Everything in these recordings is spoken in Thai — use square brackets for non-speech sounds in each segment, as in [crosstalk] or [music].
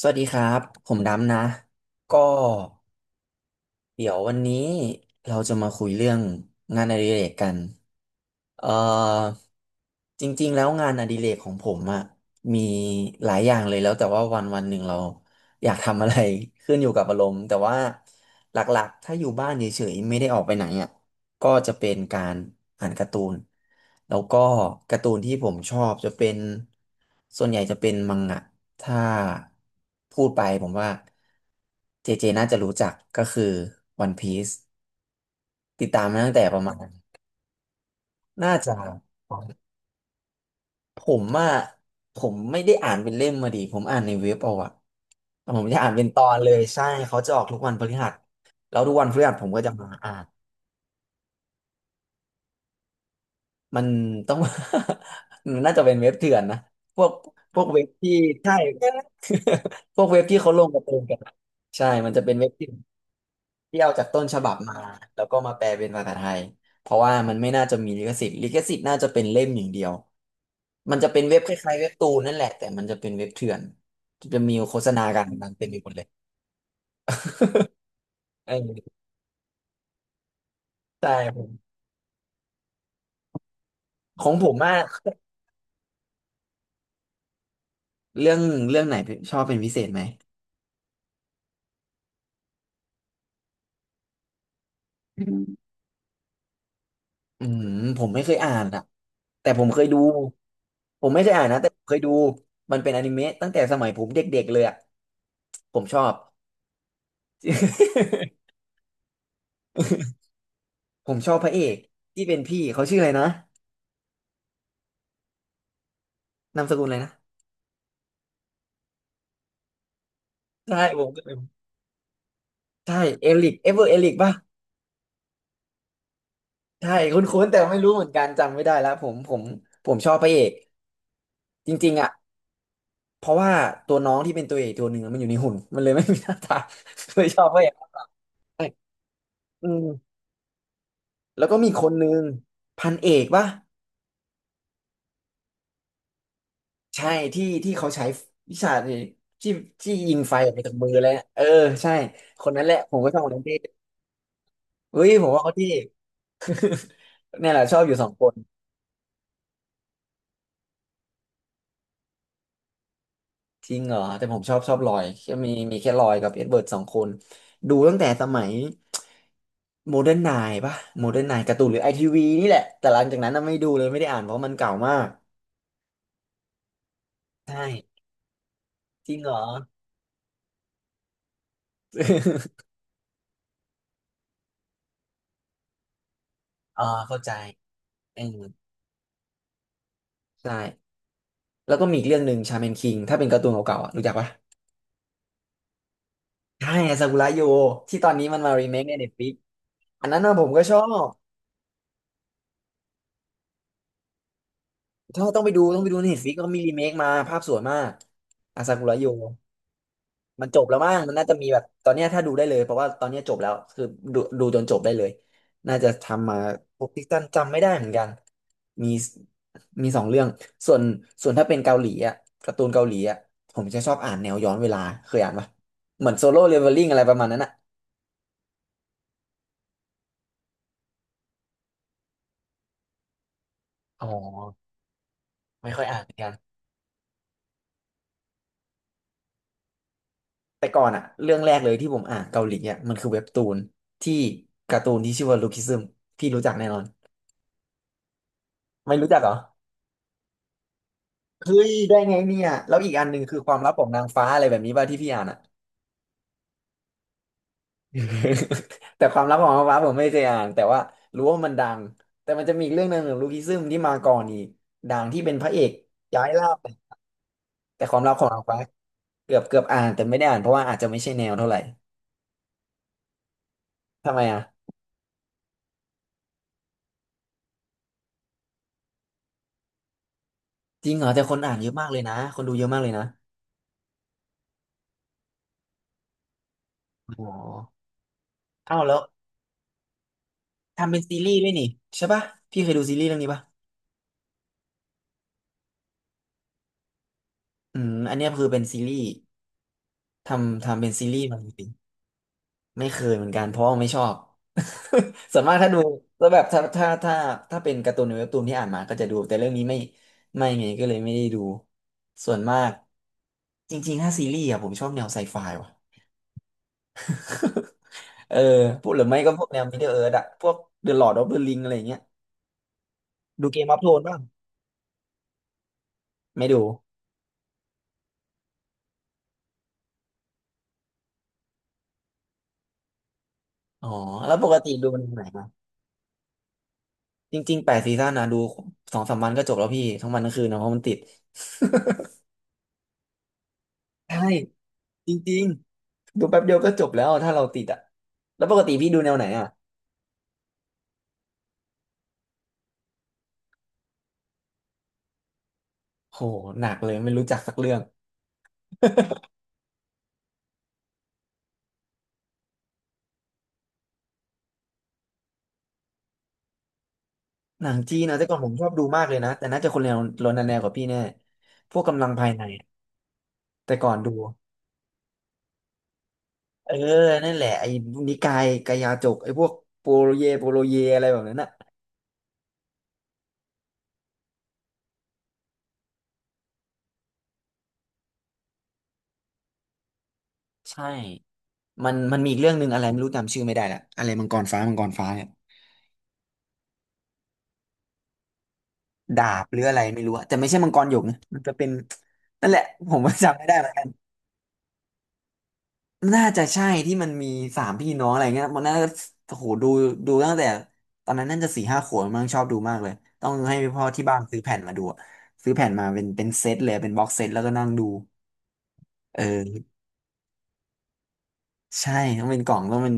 สวัสดีครับผมดำนะก็เดี๋ยววันนี้เราจะมาคุยเรื่องงานอดิเรกกันเอ่อจริงๆแล้วงานอดิเรกของผมอะมีหลายอย่างเลยแล้วแต่ว่าวันวันหนึ่งเราอยากทำอะไร [laughs] ขึ้นอยู่กับอารมณ์แต่ว่าหลักๆถ้าอยู่บ้านเฉยๆไม่ได้ออกไปไหนอะก็จะเป็นการอ่านการ์ตูนแล้วก็การ์ตูนที่ผมชอบจะเป็นส่วนใหญ่จะเป็นมังงะ ถ้าพูดไปผมว่าเจเจน่าจะรู้จักก็คือวันพี e ติดตามมาตั้งแต่ประมาณน่าจะผมอ่ะผมไม่ได้อ่านเป็นเล่มมาดิผมอ่านในเว็บเอาอะแต่ผมจะอ่านเป็นตอนเลยใช่เขาจะออกทุกวันพฤหัสแล้วทุกวันพฤหัสผมก็จะมาอ่านมันต้อง [laughs] มันน่าจะเป็นเว็บเถื่อนนะพวกพวกเว็บที่ใช่ [laughs] พวกเว็บที่เขาลงการ์ตูนกันอะใช่มันจะเป็นเว็บที่ ที่เอาจากต้นฉบับมาแล้วก็มาแปลเป็นภาษาไทยเพราะว่ามันไม่น่าจะมีลิขสิทธิ์ลิขสิทธิ์น่าจะเป็นเล่มอย่างเดียวมันจะเป็นเว็บคล้ายๆเว็บตูนนั่นแหละแต่มันจะเป็นเว็บเถื่อนจะมีโฆษณากันนั้นเต็มไปหมดเลยเออใช่ผมของผมอะเรื่องเรื่องไหนชอบเป็นพิเศษไหมอืมผมไม่เคยอ่านอะแต่ผมเคยดูผมไม่เคยอ่านนะแต่ผมเคยดูมันเป็นอนิเมะตั้งแต่สมัยผมเด็กๆเลยอะผมชอบ [laughs] ผมชอบพระเอกที่เป็นพี่เขาชื่ออะไรนะ นามสกุลอะไรนะใช่ผมก็เลยใช่เอลิกเอเวอร์เอลิกป่ะใช่คุ้นๆแต่ไม่รู้เหมือนกันจำไม่ได้แล้วผมชอบพระเอกจริงๆอ่ะเพราะว่าตัวน้องที่เป็นตัวเอกตัวหนึ่งอะมันอยู่ในหุ่นมันเลยไม่มีหน้าตา [laughs] เลยชอบพระเอกใช่อืมแล้วก็มีคนหนึ่งพันเอกป่ะใช่ที่ที่เขาใช้วิชาที่ที่ยิงไฟออกมาจากมือเลยอะเออใช่คนนั้นแหละผมก็ชอบคนนั้นที่เฮ้ยผมว่าเขาที่ [laughs] เนี่ยแหละชอบอยู่สองคน จริงเหรอแต่ผมชอบชอบลอยแค่มีมีแค่ลอยกับเอ็ดเบิร์ดสองคนดูตั้งแต่สมัยโมเดิร์นไนน์ป่ะโมเดิร์นไนน์การ์ตูนหรือไอทีวีนี่แหละแต่หลังจากนั้นน่ะไม่ดูเลยไม่ได้อ่านเพราะมันเก่ามากใช่จริงเหรอ [laughs] อ๋อเข้าใจเออใช่แล้วก็มีอีกเรื่องหนึ่งชาแมนคิงถ้าเป็นการ์ตูนเก่าๆอ่ะรู้จักปะใช่ซากุระโยที่ตอนนี้มันมารีเมคในเน็ตฟลิกอันนั้นนะผมก็ชอบชอบต้องไปดูต้องไปดูในเน็ตฟลิกก็มีรีเมคมาภาพสวยมากอาซากุระโย มันจบแล้วมั้งมันน่าจะมีแบบตอนเนี้ยถ้าดูได้เลยเพราะว่าตอนเนี้ยจบแล้วคือดูดูจนจบได้เลยน่าจะทำมาพวกติกตันจำไม่ได้เหมือนกันมีมีสองเรื่องส่วนส่วนถ้าเป็นเกาหลีอ่ะการ์ตูนเกาหลีอ่ะผมจะชอบอ่านแนวย้อนเวลาเคยอ่านปะเหมือนโซโล่เลเวลลิ่งอะไรประมาณนั้นอ่ะอ๋อไม่ค่อยอ่านเหมือนกันแต่ก่อนอะเรื่องแรกเลยที่ผมอ่านเกาหลีอะมันคือเว็บตูนที่การ์ตูนที่ชื่อว่าลูคิซึมพี่รู้จักแน่นอนไม่รู้จักเหรอ เฮ้ยได้ไงเนี่ยแล้วอีกอันหนึ่งคือความลับของนางฟ้าอะไรแบบนี้ป่ะที่พี่อ่านอ่ะ [laughs] แต่ความลับของนางฟ้าผมไม่เคยอ่านแต่ว่ารู้ว่ามันดังแต่มันจะมีอีกเรื่องหนึ่งของลูคิซึมที่มาก่อนอีกดังที่เป็นพระเอกย้ายล่าไแต่ความลับของนางฟ้าเกือบเกือบอ่านแต่ไม่ได้อ่านเพราะว่าอาจจะไม่ใช่แนวเท่าไหร่ทำไมอ่ะจริงเหรอแต่คนอ่านเยอะมากเลยนะคนดูเยอะมากเลยนะอ๋อเอ้าแล้วทำเป็นซีรีส์ด้วยนี่ใช่ป่ะพี่เคยดูซีรีส์เรื่องนี้ป่ะอืมอันเนี้ยคือเป็นซีรีส์ทำทำเป็นซีรีส์มาจริง ไม่เคยเหมือนกันเพราะว่าไม่ชอบ [laughs] ส่วนมากถ้าดูแล้วแบบถ้าถ้าเป็นการ์ตูนในเว็บตูนที่อ่านมาก็จะดูแต่เรื่องนี้ไม่ไม่ไงก็เลยไม่ได้ดู ส่วนมากจริงๆถ้าซีรีส์อะผมชอบแนวไซไฟว่ะเออพวกหรือไม่ก็พวกแนว Middle Earth อะพวก The Lord of the Ring อะไรอย่างเงี้ยดูเกมออฟโทนบ้างไม่ดูอ๋อแล้วปกติดูหนังไหนมาจริงๆ8 ซีซั่นนะดู2-3 วันก็จบแล้วพี่ทั้งวันทั้งคืนนะเพราะมันติดใช่ จริงๆดูแป๊บเดียวก็จบแล้วถ้าเราติดอ่ะแล้วปกติพี่ดูแนวไหนอ่ะโหหนักเลยไม่รู้จักสักเรื่องหนังจีนนะแต่ก่อนผมชอบดูมากเลยนะแต่น่าจะคนแนวโรนันแนวกับพี่แน่พวกกำลังภายในอะแต่ก่อนดูเออนั่นแหละไอ้นิกายกายาจกไอ้พวกโปโลเยโปโลเยอะไรแบบนั้นอ่ะใช่มันมีอีกเรื่องหนึ่งอะไรไม่รู้จำชื่อไม่ได้ละอะไรมังกรฟ้ามังกรฟ้าเนี่ยดาบหรืออะไรไม่รู้อะแต่ไม่ใช่มังกรหยกนะมันจะเป็นนั่นแหละผมก็จำไม่ได้เหมือนกัน น่าจะใช่ที่มันมี3 พี่น้องอะไรเงี้ยมันน่าจะโอ้โหดูตั้งแต่ตอนนั้นน่าจะ4-5 ขวบมั้งชอบดูมากเลยต้องให้พ่อที่บ้านซื้อแผ่นมาดูอะซื้อแผ่นมาเป็นเซตเลยเป็นบ็อกเซตแล้วก็นั่งดูเออใช่ต้องเป็นกล่องต้องเป็น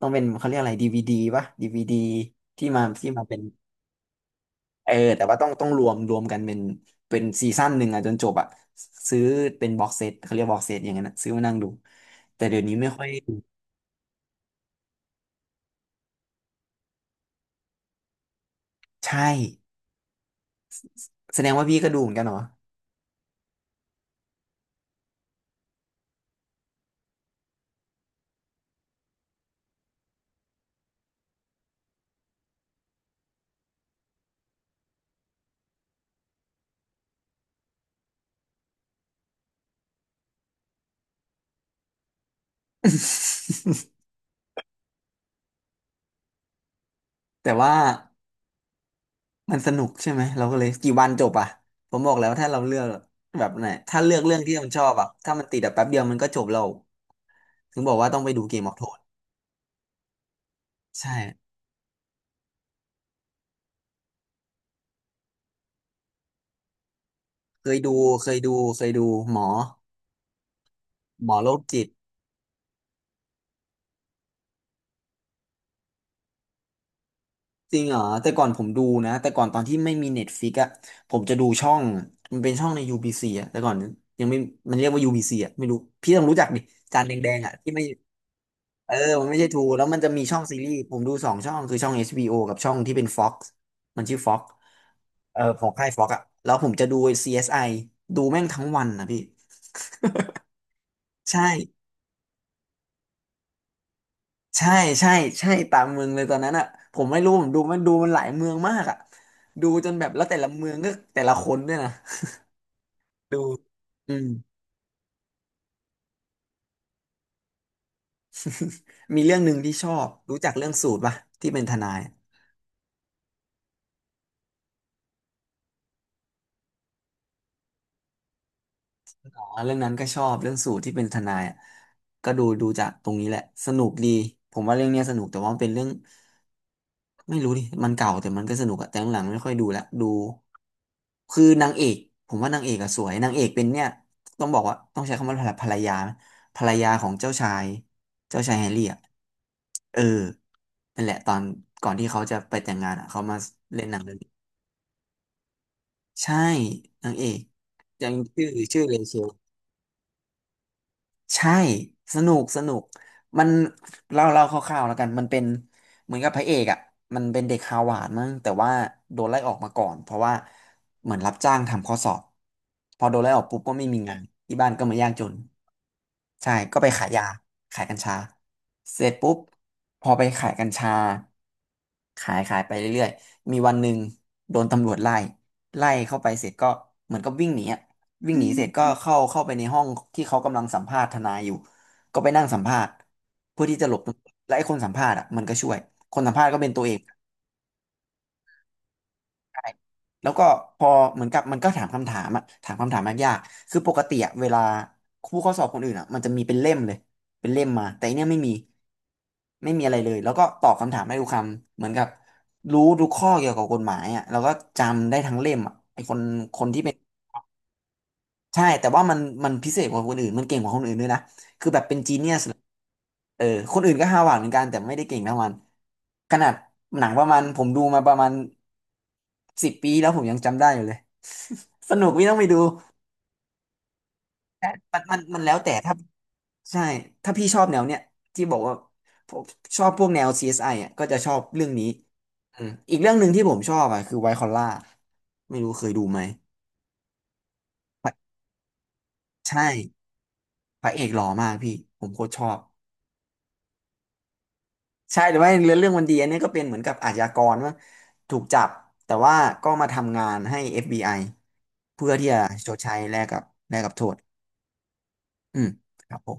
ต้องเป็นเขาเรียกอะไรดีวีดีปะดีวีดีที่มาที่มาเป็นเออแต่ว่าต้องรวมกันเป็นเป็นซีซั่นหนึ่งอะจนจบอะซื้อเป็นบ็อกเซตเขาเรียกบ็อกเซตอย่างนั้นอะซื้อมานั่งดูแต่เดี๋ยวนี้ไม่ค่อยดูใช่แสดงว่าพี่ก็ดูเหมือนกันเหรอ [laughs] แต่ว่ามันสนุกใช่ไหมเราก็เลยกี่วันจบอ่ะผมบอกแล้วถ้าเราเลือกแบบไหนถ้าเลือกเรื่องที่มันชอบอ่ะถ้ามันติดแบบแป๊บเดียวมันก็จบเราถึงบอกว่าต้องไปดูเกมออฟโทนใช่เคยดูเคยดูเคยดูหมอหมอโรคจิตจริงเหรอแต่ก่อนผมดูนะแต่ก่อนตอนที่ไม่มีเน็ตฟิกอ่ะผมจะดูช่องมันเป็นช่องใน UBC อ่ะแต่ก่อนยังไม่มันเรียกว่า UBC อ่ะไม่รู้พี่ต้องรู้จักดิจานแดงๆอ่ะที่ไม่ เออมันไม่ใช่ทูแล้วมันจะมีช่องซีรีส์ผมดู2 ช่องคือช่อง HBO กับช่องที่เป็น Fox มันชื่อ Fox เออของค่าย Fox อ่ะแล้วผมจะดู CSI ดูแม่งทั้งวันนะพี่ใช่ใช่ใช่ใช่ตามเมืองเลยตอนนั้นอ่ะผมไม่รู้ผมดูมันหลายเมืองมากอ่ะดูจนแบบแล้วแต่ละเมืองก็แต่ละคนด้วยนะดูอืม [laughs] มีเรื่องหนึ่งที่ชอบ รู้จักเรื่องสูตรป่ะที่เป็นทนาย อ๋อเรื่องนั้นก็ชอบเรื่องสูตรที่เป็นทนายอะก็ดูจากตรงนี้แหละสนุกดีผมว่าเรื่องเนี้ยสนุกแต่ว่ามันเป็นเรื่องไม่รู้ดิมันเก่าแต่มันก็สนุกอะแต่หลังๆไม่ค่อยดูละดูคือนางเอกผมว่านางเอกอะสวยนางเอกเป็นเนี่ยต้องบอกว่าต้องใช้คำว่าภรรยาไหมภรรยาของเจ้าชายเจ้าชายแฮร์รี่อะเออนั่นแหละตอนก่อนที่เขาจะไปแต่งงานอะเขามาเล่นหนังเรื่องนี้ใช่นางเอกยังชื่อเรเชล ใช่สนุกสนุกมันเล่าคร่าวๆแล้วกันมันเป็นเหมือนกับพระเอกอ่ะมันเป็นเด็กฮาวาดมั้งแต่ว่าโดนไล่ออกมาก่อนเพราะว่าเหมือนรับจ้างทำข้อสอบพอโดนไล่ออกปุ๊บก็ไม่มีงานที่บ้านก็มายากจนใช่ก็ไปขายยาขายกัญชาเสร็จปุ๊บพอไปขายกัญชาขายไปเรื่อยๆมีวันหนึ่งโดนตำรวจไล่ไล่เข้าไปเสร็จก็เหมือนกับวิ่งหนีอะ วิ่งหนีเสร็จก็เข้าไปในห้องที่เขากำลังสัมภาษณ์ทนายอยู่ก็ไปนั่งสัมภาษณ์เพื่อที่จะหลบตำรวจและไอ้คนสัมภาษณ์อ่ะมันก็ช่วยคนสัมภาษณ์ก็เป็นตัวเองใช่แล้วก็พอเหมือนกับมันก็ถามคำถามอ่ะถามคำถามยากๆคือปกติอะเวลาผู้เข้าสอบคนอื่นอ่ะมันจะมีเป็นเล่มเลยเป็นเล่มมาแต่อันเนี้ยไม่มีไม่มีอะไรเลยแล้วก็ตอบคำถามได้ทุกคำเหมือนกับรู้ทุกข้อเกี่ยวกับกฎหมายอ่ะแล้วก็จำได้ทั้งเล่มอ่ะไอ้คนคนที่เป็นใช่แต่ว่ามันพิเศษกว่าคนอื่นมันเก่งกว่าคนอื่นด้วยนะ เออคนอื่นก็ห้าวหวาดเหมือนกันแต่ไม่ได้เก่งเท่ามันขนาดหนังประมาณผมดูมาประมาณ10 ปีแล้วผมยังจำได้อยู่เลย [laughs] สนุกพี่ต้องไปดูแต่มันแล้วแต่ถ้าใช่ถ้าพี่ชอบแนวเนี้ยที่บอกว่าผมชอบพวกแนว CSI อสไออ่ะก็จะชอบเรื่องนี้อืมอีกเรื่องหนึ่งที่ผมชอบอ่ะคือไวท์คอลล่าไม่รู้เคยดูไหมพระใช่พระเอกหล่อมากพี่ผมโคตรชอบ ใช่แต่ว่าเรื่องวมันดีอันนี้ก็เป็นเหมือนกับอาชญากรว่าถูกจับแต่ว่าก็มาทำงานให้ FBI เพื่อที่จะชดใช้แลกกับแลกกับโทษอืมครับผม